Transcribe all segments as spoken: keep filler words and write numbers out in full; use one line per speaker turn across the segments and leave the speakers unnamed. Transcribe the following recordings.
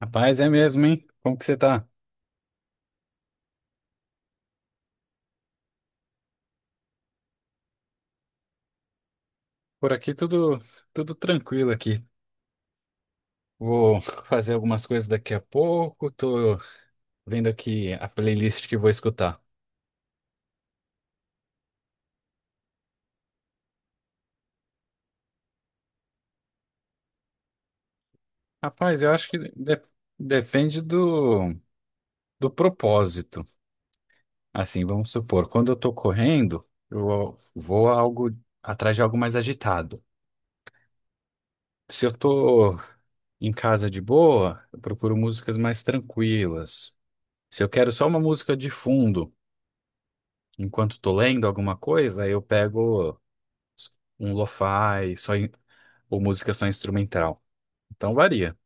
Rapaz, é mesmo, hein? Como que você tá? Por aqui tudo tudo tranquilo aqui. Vou fazer algumas coisas daqui a pouco. Tô vendo aqui a playlist que vou escutar. Rapaz, eu acho que de- depende do, do propósito. Assim, vamos supor, quando eu tô correndo, eu vou a algo atrás de algo mais agitado. Se eu tô em casa de boa, eu procuro músicas mais tranquilas. Se eu quero só uma música de fundo, enquanto tô lendo alguma coisa, aí eu pego um lo-fi, só in- ou música só instrumental. Então varia.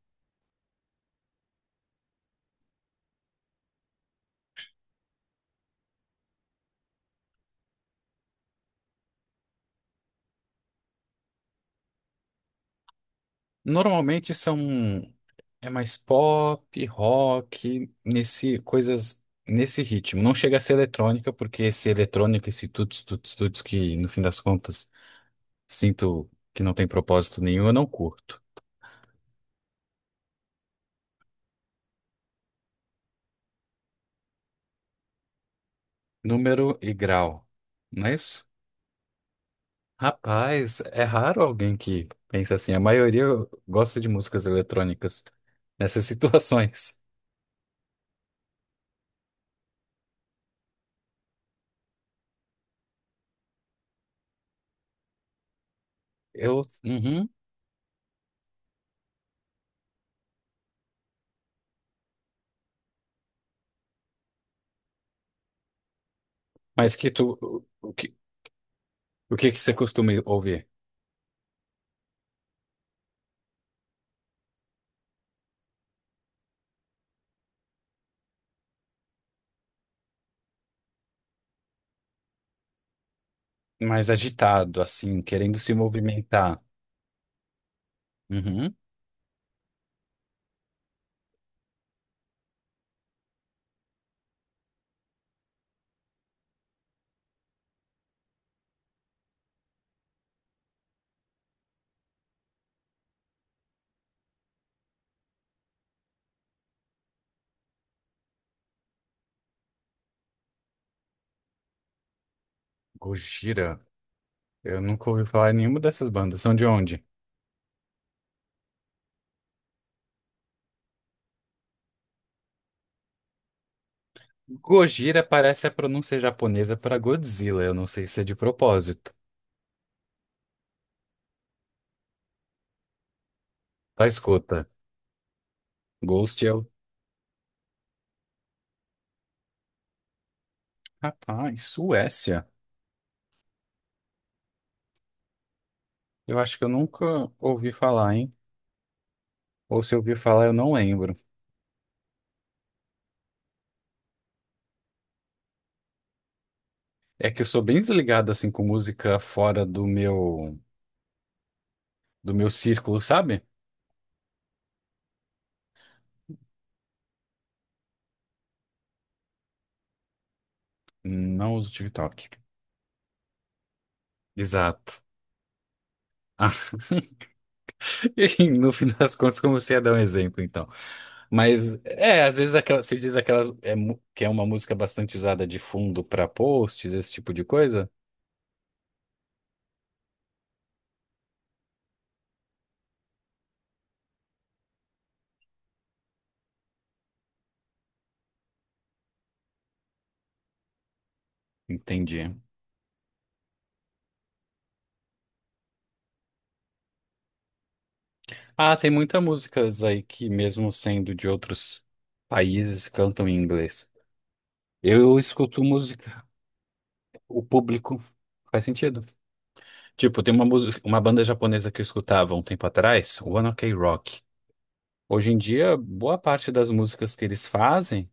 Normalmente são é mais pop, rock, nesse coisas nesse ritmo. Não chega a ser eletrônica, porque esse eletrônico, esse tuts tuts tuts que no fim das contas sinto que não tem propósito nenhum, eu não curto. Número e grau. Não é isso? Rapaz, é raro alguém que pensa assim. A maioria gosta de músicas eletrônicas nessas situações. Eu, uhum. Mas que tu, o que, o que que você costuma ouvir? Mais agitado, assim, querendo se movimentar. Uhum. Gojira. Eu nunca ouvi falar em nenhuma dessas bandas. São de onde? Gojira parece a pronúncia japonesa para Godzilla. Eu não sei se é de propósito. Tá, escuta. Ghost é o... Rapaz, Suécia. Eu acho que eu nunca ouvi falar, hein? Ou se eu ouvi falar, eu não lembro. É que eu sou bem desligado assim com música fora do meu do meu círculo, sabe? Não uso TikTok. Exato. Ah, e no fim das contas, comecei a dar um exemplo, então. Mas é, às vezes aquela, se diz aquelas é, mu- que é uma música bastante usada de fundo para posts, esse tipo de coisa. Entendi. Ah, tem muitas músicas aí que, mesmo sendo de outros países, cantam em inglês. Eu escuto música, o público. Faz sentido? Tipo, tem uma música, uma banda japonesa que eu escutava um tempo atrás, o One Ok Rock. Hoje em dia, boa parte das músicas que eles fazem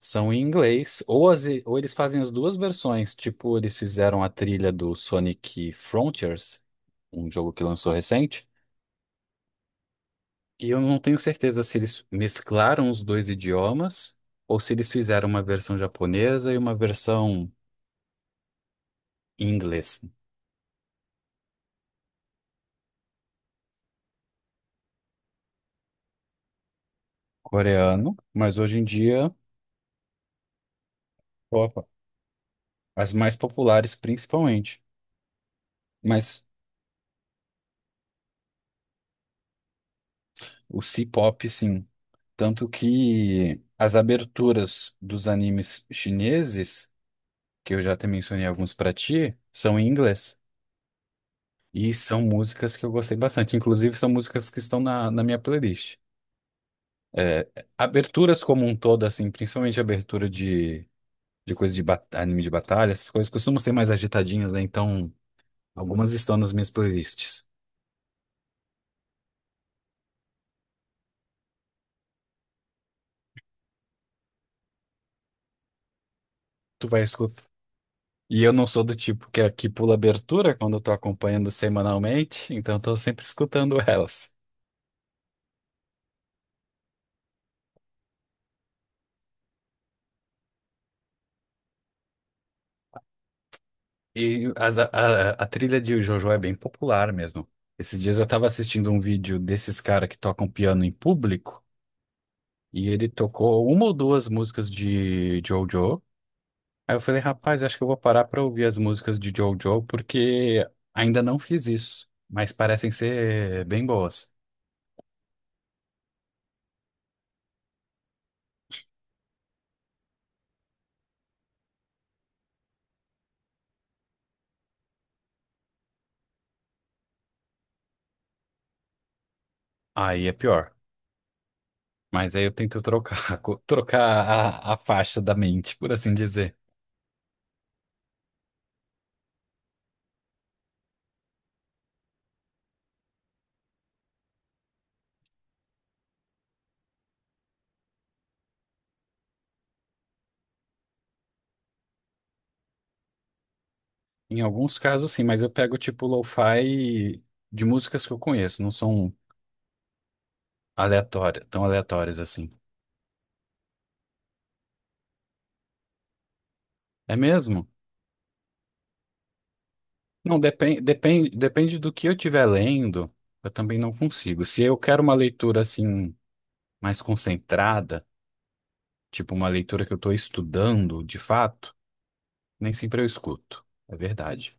são em inglês, ou, as, ou eles fazem as duas versões, tipo, eles fizeram a trilha do Sonic Frontiers, um jogo que lançou recente, e eu não tenho certeza se eles mesclaram os dois idiomas ou se eles fizeram uma versão japonesa e uma versão em inglês, coreano, mas hoje em dia, opa, as mais populares principalmente. Mas o C-pop, sim. Tanto que as aberturas dos animes chineses, que eu já até mencionei alguns pra ti, são em inglês. E são músicas que eu gostei bastante. Inclusive, são músicas que estão na, na minha playlist. É, aberturas como um todo, assim, principalmente abertura de, de coisa de bat- anime de batalha, essas coisas costumam ser mais agitadinhas, né? Então, algumas estão nas minhas playlists. Tu vai escutar. E eu não sou do tipo que, é que pula abertura quando eu tô acompanhando semanalmente, então tô sempre escutando elas. E as- a, a- a trilha de JoJo é bem popular mesmo. Esses dias eu tava assistindo um vídeo desses caras que tocam piano em público, e ele tocou uma ou duas músicas de JoJo. Aí eu falei, rapaz, eu acho que eu vou parar pra ouvir as músicas de JoJo, porque ainda não fiz isso, mas parecem ser bem boas. Aí é pior. Mas aí eu tento trocar, co- trocar a, a faixa da mente, por assim dizer. Em alguns casos, sim, mas eu pego tipo lo-fi de músicas que eu conheço, não são aleatórias, tão aleatórias assim. É mesmo? Não, depende, depende, depende do que eu estiver lendo, eu também não consigo. Se eu quero uma leitura assim mais concentrada, tipo uma leitura que eu estou estudando de fato, nem sempre eu escuto. É verdade.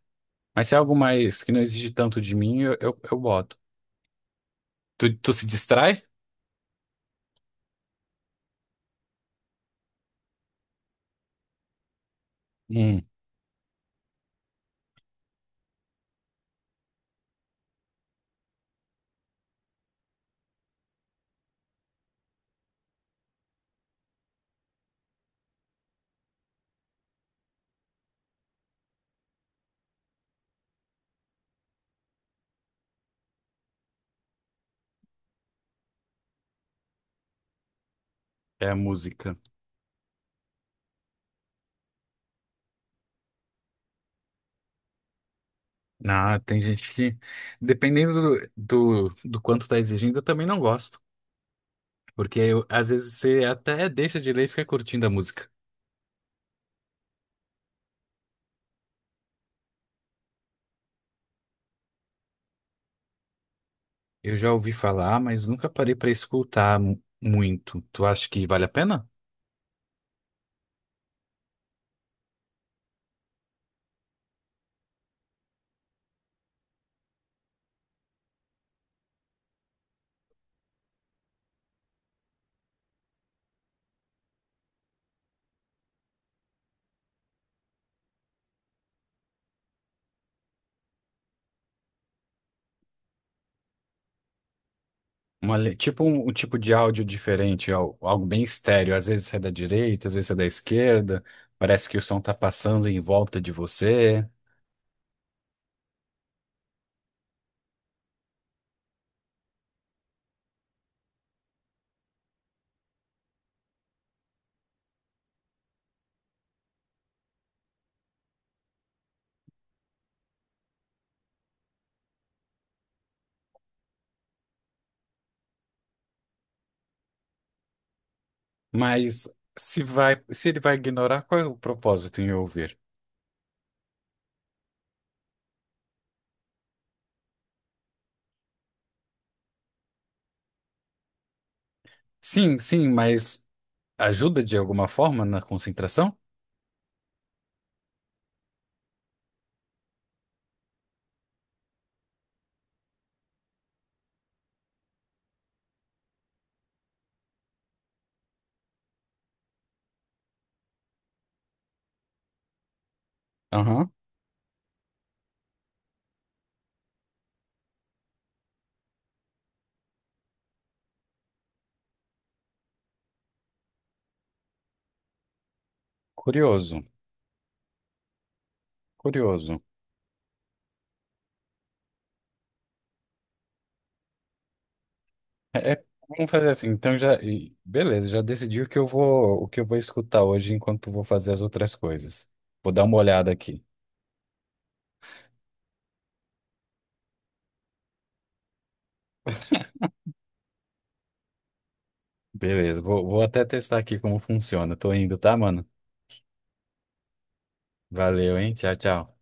Mas se é algo mais que não exige tanto de mim, eu, eu, eu boto. Tu, tu se distrai? Hum, é a música. Ah, tem gente que, dependendo do, do, do quanto tá exigindo, eu também não gosto. Porque eu- às vezes você até deixa de ler e fica curtindo a música. Eu já ouvi falar, mas nunca parei pra escutar mu- muito. Tu acha que vale a pena? Uma le- tipo um, um tipo de áudio diferente, al- algo bem estéreo. Às vezes é da direita, às vezes é da esquerda. Parece que o som tá passando em volta de você. Mas se vai, se ele vai ignorar, qual é o propósito em ouvir? Sim, sim, mas ajuda de alguma forma na concentração? Aham. Curioso, curioso. É, é- vamos fazer assim, então já, e- beleza, já decidi o que eu vou, o que eu vou escutar hoje enquanto vou fazer as outras coisas. Vou dar uma olhada aqui. Beleza, vou, vou até testar aqui como funciona. Tô indo, tá, mano? Valeu, hein? Tchau, tchau.